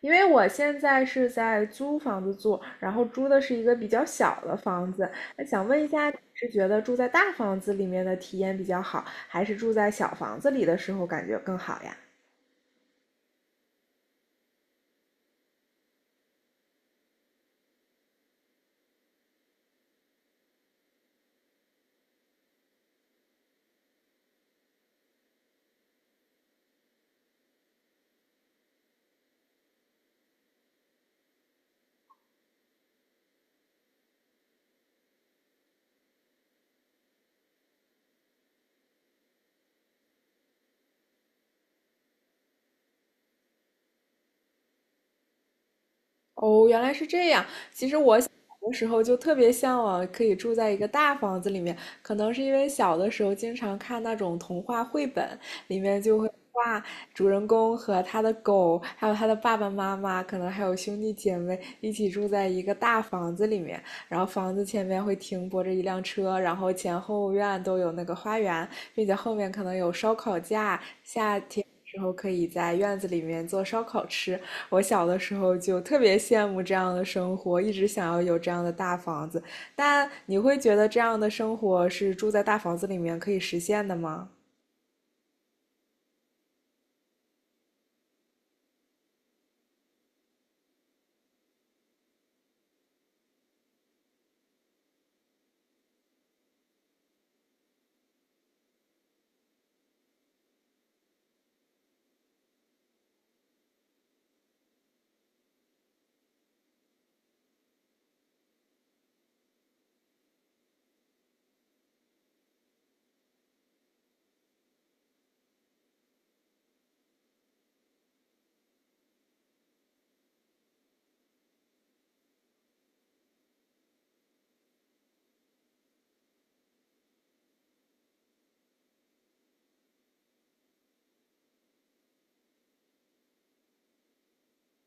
因为我现在是在租房子住，然后租的是一个比较小的房子。那想问一下，你是觉得住在大房子里面的体验比较好，还是住在小房子里的时候感觉更好呀？哦，原来是这样。其实我小的时候就特别向往可以住在一个大房子里面，可能是因为小的时候经常看那种童话绘本，里面就会画主人公和他的狗，还有他的爸爸妈妈，可能还有兄弟姐妹一起住在一个大房子里面，然后房子前面会停泊着一辆车，然后前后院都有那个花园，并且后面可能有烧烤架，夏天。时候可以在院子里面做烧烤吃，我小的时候就特别羡慕这样的生活，一直想要有这样的大房子。但你会觉得这样的生活是住在大房子里面可以实现的吗？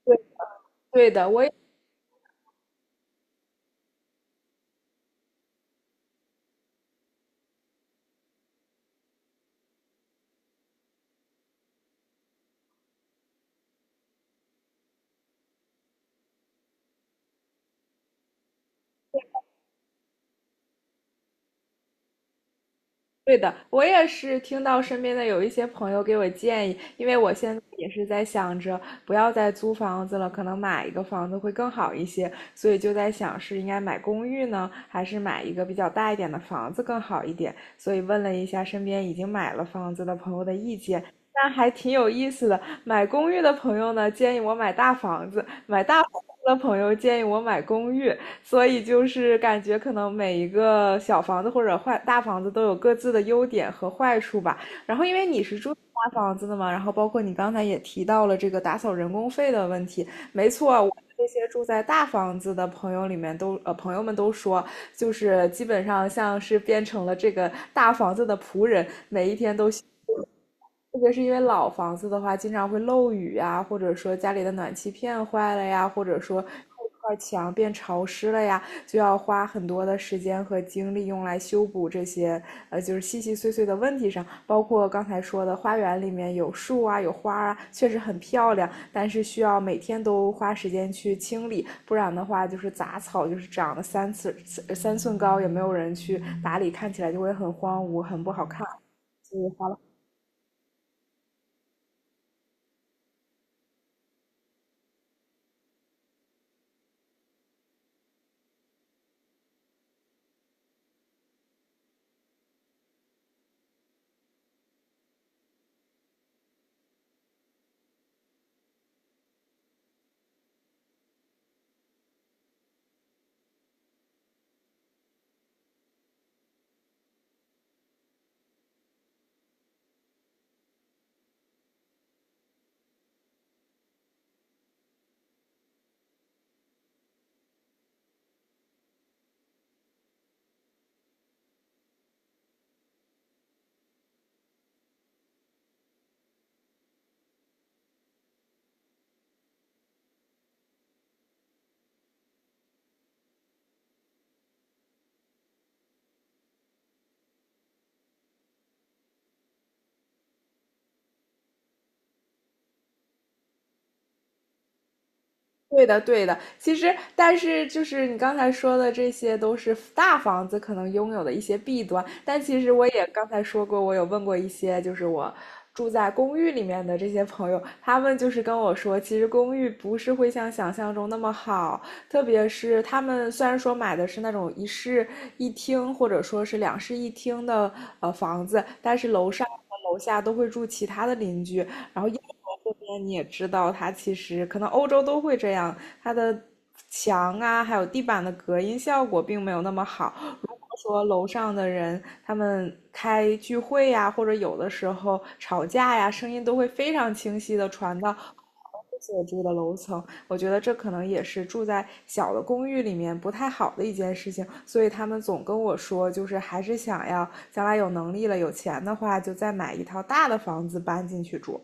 对，对的，我也对的，我也是听到身边的有一些朋友给我建议，因为我现在也是在想着不要再租房子了，可能买一个房子会更好一些，所以就在想是应该买公寓呢，还是买一个比较大一点的房子更好一点，所以问了一下身边已经买了房子的朋友的意见。那还挺有意思的。买公寓的朋友呢，建议我买大房子；买大房子的朋友建议我买公寓。所以就是感觉可能每一个小房子或者坏大房子都有各自的优点和坏处吧。然后因为你是住大房子的嘛，然后包括你刚才也提到了这个打扫人工费的问题，没错，我们这些住在大房子的朋友里面朋友们都说，就是基本上像是变成了这个大房子的仆人，特别是因为老房子的话，经常会漏雨啊，或者说家里的暖气片坏了呀，或者说后块墙变潮湿了呀，就要花很多的时间和精力用来修补这些就是细细碎碎的问题上。包括刚才说的花园里面有树啊，有花啊，确实很漂亮，但是需要每天都花时间去清理，不然的话就是杂草就是长了三寸高，也没有人去打理，看起来就会很荒芜，很不好看。所以花了。对的，对的。其实，但是就是你刚才说的，这些都是大房子可能拥有的一些弊端。但其实我也刚才说过，我有问过一些，就是我住在公寓里面的这些朋友，他们就是跟我说，其实公寓不是会像想象中那么好，特别是他们虽然说买的是那种一室一厅或者说是两室一厅的房子，但是楼上和楼下都会住其他的邻居，然后英国这边你也知道，它其实可能欧洲都会这样，它的墙啊，还有地板的隔音效果并没有那么好。如果说楼上的人他们开聚会呀，或者有的时候吵架呀，声音都会非常清晰的传到所住的楼层。我觉得这可能也是住在小的公寓里面不太好的一件事情，所以他们总跟我说，就是还是想要将来有能力了、有钱的话，就再买一套大的房子搬进去住。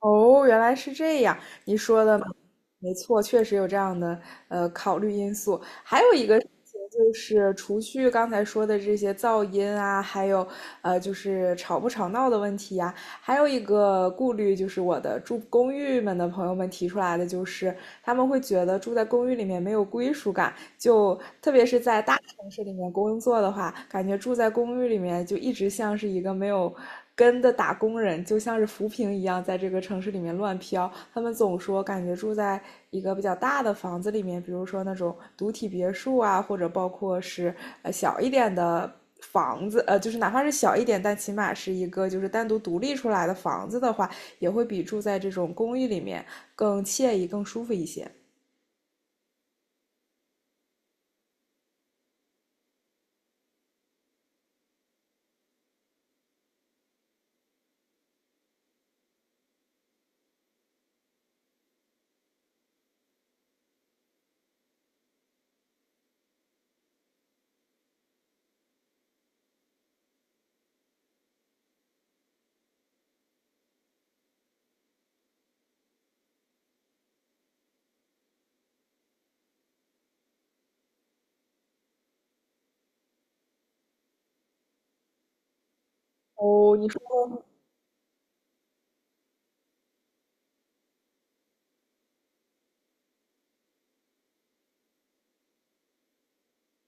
哦，原来是这样，你说的没错，确实有这样的考虑因素。还有一个事情就是，除去刚才说的这些噪音啊，还有就是吵不吵闹的问题呀、还有一个顾虑就是我的住公寓们的朋友们提出来的，就是他们会觉得住在公寓里面没有归属感，就特别是在大城市里面工作的话，感觉住在公寓里面就一直像是一个没有。根的打工人就像是浮萍一样，在这个城市里面乱飘。他们总说，感觉住在一个比较大的房子里面，比如说那种独体别墅啊，或者包括是小一点的房子，就是哪怕是小一点，但起码是一个就是单独独立出来的房子的话，也会比住在这种公寓里面更惬意、更舒服一些。哦，你说。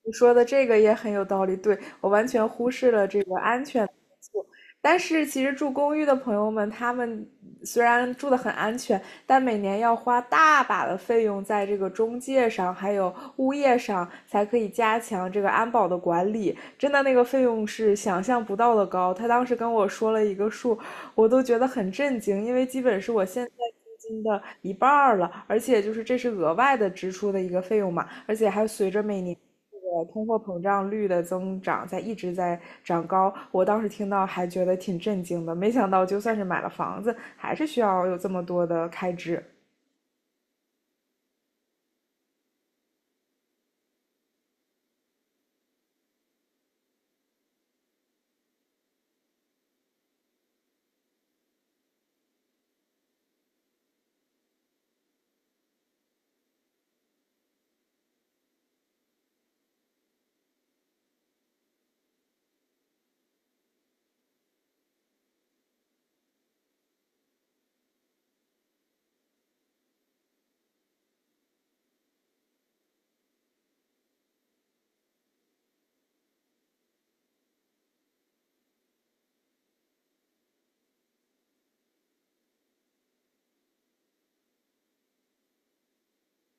你说的这个也很有道理，对，我完全忽视了这个安全的因素。但是其实住公寓的朋友们，他们虽然住的很安全，但每年要花大把的费用在这个中介上，还有物业上，才可以加强这个安保的管理。真的那个费用是想象不到的高。他当时跟我说了一个数，我都觉得很震惊，因为基本是我现在租金的一半儿了，而且就是这是额外的支出的一个费用嘛，而且还随着每年这个通货膨胀率的增长在一直在长高。我当时听到还觉得挺震惊的，没想到就算是买了房子，还是需要有这么多的开支。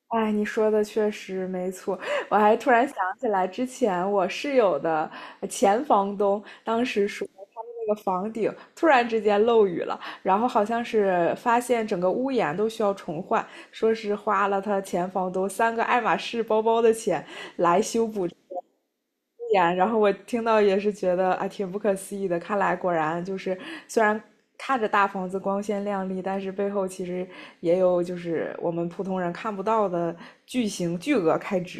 哎，你说的确实没错。我还突然想起来，之前我室友的前房东当时说，他们那个房顶突然之间漏雨了，然后好像是发现整个屋檐都需要重换，说是花了他前房东三个爱马仕包包的钱，然后我听到也是觉得啊，挺不可思议的。看来果然就是，虽然看着大房子光鲜亮丽，但是背后其实也有就是我们普通人看不到的巨额开支。